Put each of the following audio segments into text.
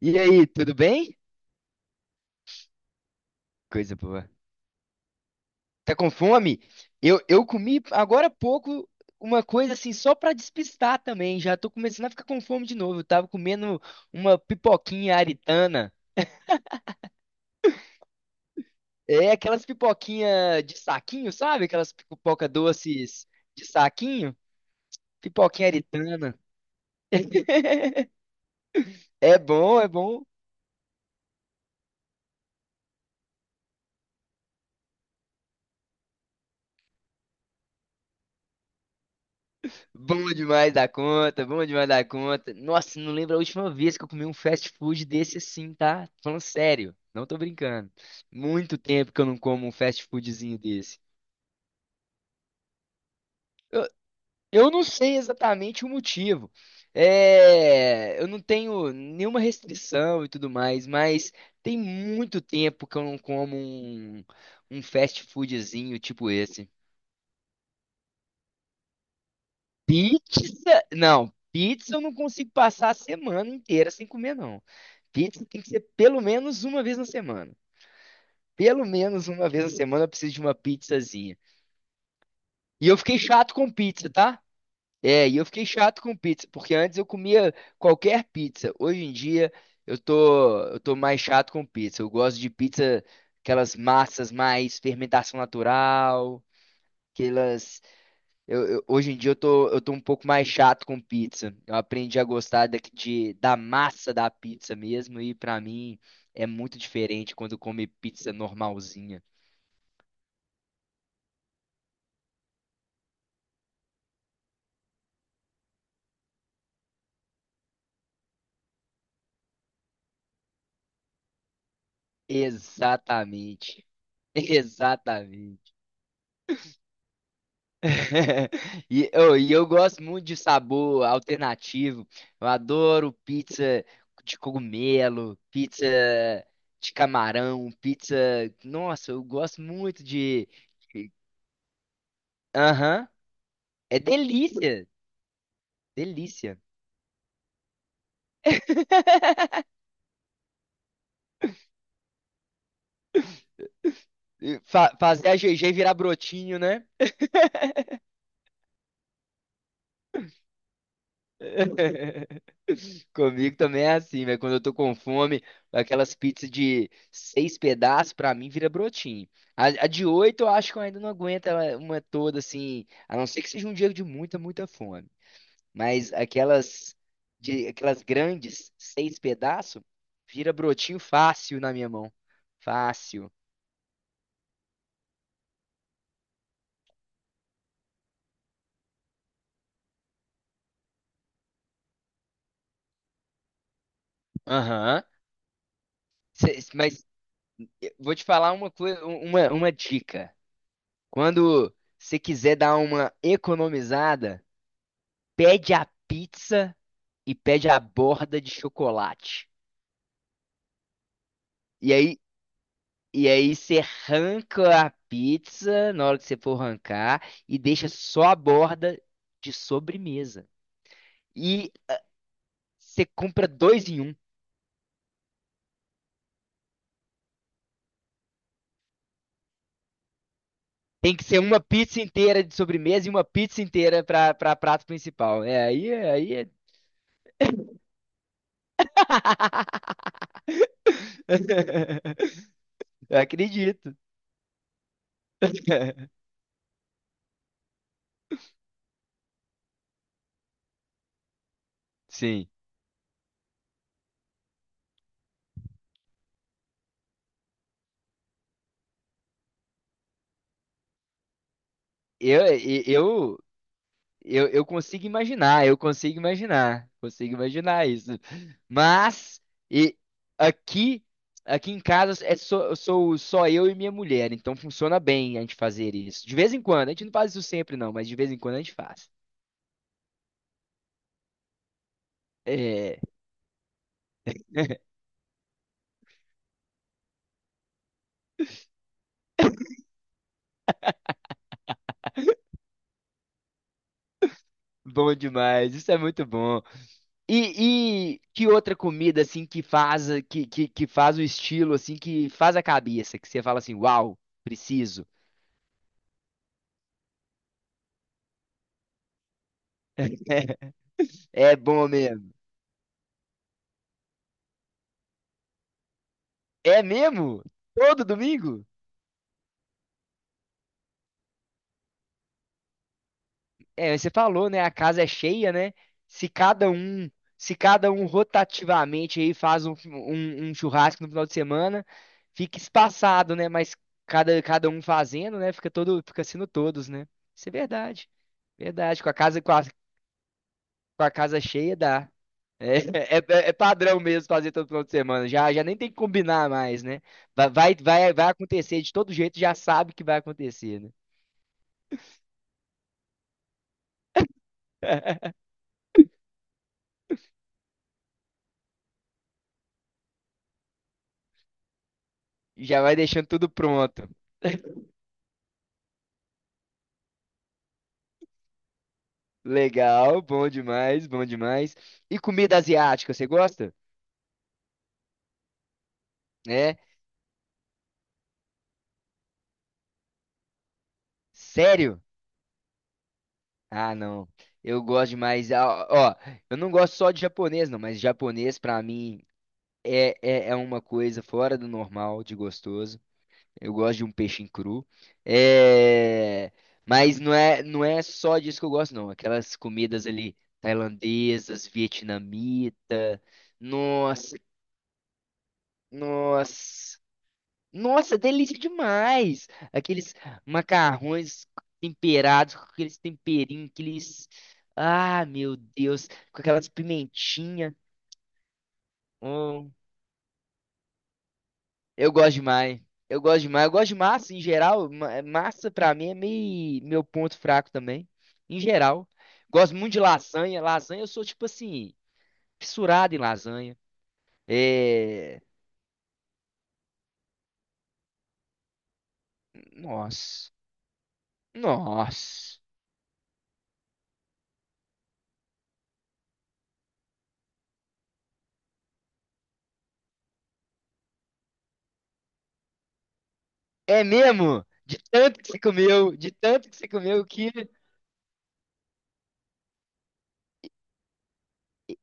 E aí, tudo bem? Coisa boa. Tá com fome? Eu comi agora há pouco uma coisa assim, só pra despistar também. Já tô começando a ficar com fome de novo. Eu tava comendo uma pipoquinha aritana. É aquelas pipoquinha de saquinho, sabe? Aquelas pipoca doces de saquinho. Pipoquinha aritana. É bom, é bom. Bom demais da conta, bom demais da conta. Nossa, não lembro a última vez que eu comi um fast food desse assim, tá? Tô falando sério, não tô brincando. Muito tempo que eu não como um fast foodzinho desse. Eu, eu não sei exatamente o motivo. É, eu não tenho nenhuma restrição e tudo mais, mas tem muito tempo que eu não como um fast foodzinho tipo esse. Pizza? Não, pizza eu não consigo passar a semana inteira sem comer, não. Pizza tem que ser pelo menos uma vez na semana. Pelo menos uma vez na semana eu preciso de uma pizzazinha. E eu fiquei chato com pizza, tá? É, e eu fiquei chato com pizza, porque antes eu comia qualquer pizza. Hoje em dia eu tô mais chato com pizza. Eu gosto de pizza, aquelas massas mais fermentação natural, aquelas hoje em dia eu tô um pouco mais chato com pizza. Eu aprendi a gostar da massa da pizza mesmo, e pra mim é muito diferente quando come pizza normalzinha. Exatamente. Exatamente. E, eu gosto muito de sabor alternativo. Eu adoro pizza de cogumelo, pizza de camarão, pizza. Nossa, eu gosto muito de- Aham. É delícia. Delícia. Fazer a GG virar brotinho, né? Comigo também é assim, velho. Quando eu tô com fome, aquelas pizzas de seis pedaços, pra mim, vira brotinho. A de oito, eu acho que eu ainda não uma toda, assim. A não ser que seja um dia de muita, muita fome. Mas aquelas, de, aquelas grandes, seis pedaços, vira brotinho fácil na minha mão. Fácil. Aham. Cê- mas Vou te falar uma coisa, uma dica. Quando você quiser dar uma economizada, pede a pizza e pede a borda de chocolate. E aí, e aí, você arranca a pizza na hora que você for arrancar e deixa só a borda de sobremesa. E você compra dois em um. Tem que ser uma pizza inteira de sobremesa e uma pizza inteira para prato principal. É aí. Eu acredito. Sim. Eu, e- eu, eu consigo imaginar, consigo imaginar isso. Mas e aqui, aqui em casa é só, sou só eu e minha mulher, então funciona bem a gente fazer isso. De vez em quando, a gente não faz isso sempre não, mas de vez em quando a gente faz. É, bom demais, isso é muito bom. E que outra comida assim que faz que faz o estilo assim que faz a cabeça, que você fala assim, uau, preciso. É bom mesmo. É mesmo? Todo domingo? É, você falou, né? A casa é cheia, né? Se cada um, se cada um rotativamente aí faz um churrasco no final de semana, fica espaçado, né? Mas cada um fazendo, né? Fica todo, fica sendo todos, né? Isso é verdade. Verdade. Com a casa, com a casa cheia dá. É, é, é padrão mesmo fazer todo final de semana. Já nem tem que combinar mais, né? Vai acontecer de todo jeito, já sabe que vai acontecer, né? Já vai deixando tudo pronto. Legal, bom demais, bom demais. E comida asiática, você gosta? É? Sério? Ah, não. Eu gosto demais. Ah, ó, eu não gosto só de japonês, não, mas japonês pra mim é uma coisa fora do normal, de gostoso. Eu gosto de um peixinho cru. É... Mas não é, não é só disso que eu gosto, não. Aquelas comidas ali tailandesas, vietnamita. Nossa, nossa. Nossa, delícia demais! Aqueles macarrões temperados com aqueles temperinhos, aqueles. Ah, meu Deus! Com aquelas pimentinhas. Hum, eu gosto demais. Eu gosto demais. Eu gosto de massa em geral. Massa pra mim é meio meu ponto fraco também. Em geral. Gosto muito de lasanha. Lasanha, eu sou tipo assim, fissurado em lasanha. É. Nossa. Nossa. É mesmo? De tanto que você comeu, de tanto que você comeu que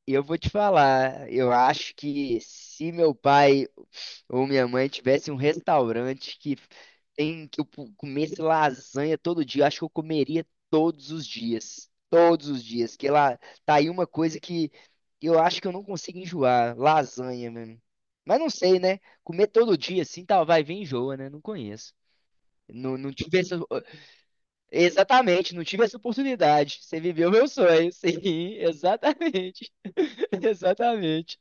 eu vou te falar, eu acho que se meu pai ou minha mãe tivesse um restaurante que tem que eu comesse lasanha todo dia, eu acho que eu comeria todos os dias, que lá tá aí uma coisa que eu acho que eu não consigo enjoar, lasanha, mano. Mas não sei, né? Comer todo dia assim, tá, vai vir enjoa, né? Não conheço. Não, não tive essa, exatamente, não tive essa oportunidade. Você viveu meu sonho. Sim, exatamente. Exatamente.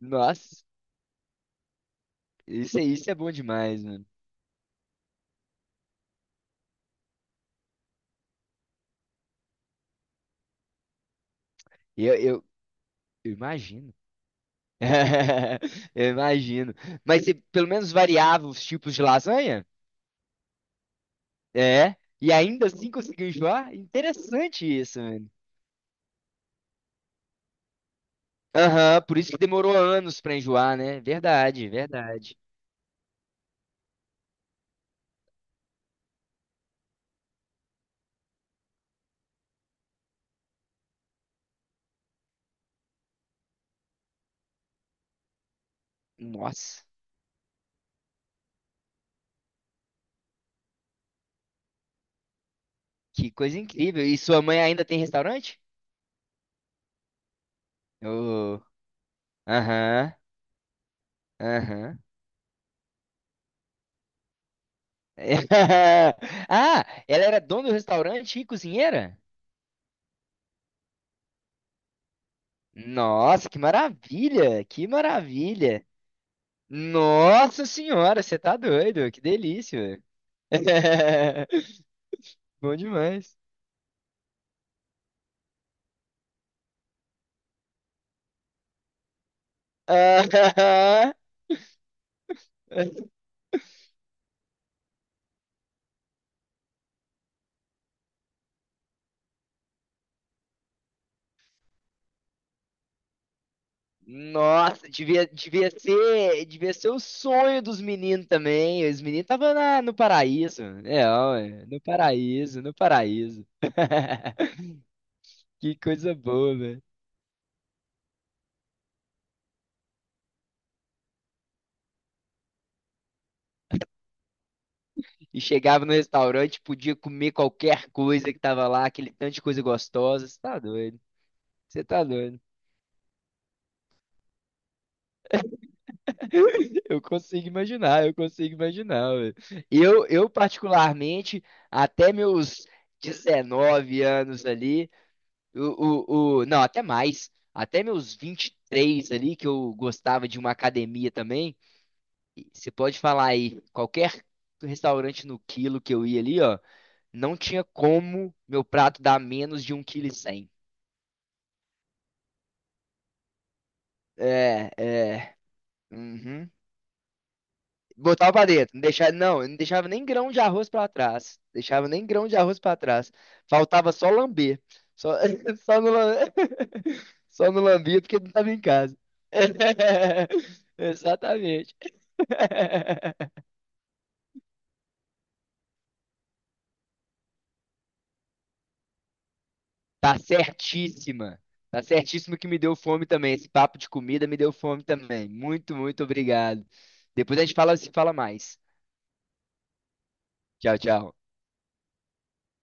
Nossa, isso, isso é bom demais, mano. Eu, eu, eu imagino. Eu imagino. Mas você pelo menos variava os tipos de lasanha? É. E ainda assim conseguiu enjoar? Interessante isso, mano. Aham, por isso que demorou anos pra enjoar, né? Verdade, verdade. Nossa, que coisa incrível. E sua mãe ainda tem restaurante? Oh, aham. Aham. Ah, ela era dona do restaurante e cozinheira? Nossa, que maravilha! Que maravilha! Nossa senhora, você tá doido? Que delícia, velho! Bom demais. Aham. Nossa, devia ser o sonho dos meninos também. Os meninos estavam no paraíso. É, ó, é, no paraíso, no paraíso. Que coisa boa. E chegava no restaurante, podia comer qualquer coisa que tava lá, aquele tanto de coisa gostosa. Você tá doido? Você tá doido? Eu consigo imaginar, velho. Eu particularmente, até meus 19 anos ali, não, até mais, até meus 23 ali, que eu gostava de uma academia também, e você pode falar aí, qualquer restaurante no quilo que eu ia ali, ó, não tinha como meu prato dar menos de 1,1 kg. É, é. Uhum. Botava pra dentro, não deixava, não, não deixava nem grão de arroz pra trás. Deixava nem grão de arroz pra trás. Faltava só lamber. Só, só no, só no lambia porque não tava em casa. Exatamente. Tá certíssima. Tá certíssimo que me deu fome também. Esse papo de comida me deu fome também. Muito, muito obrigado. Depois a gente fala, se fala mais. Tchau, tchau.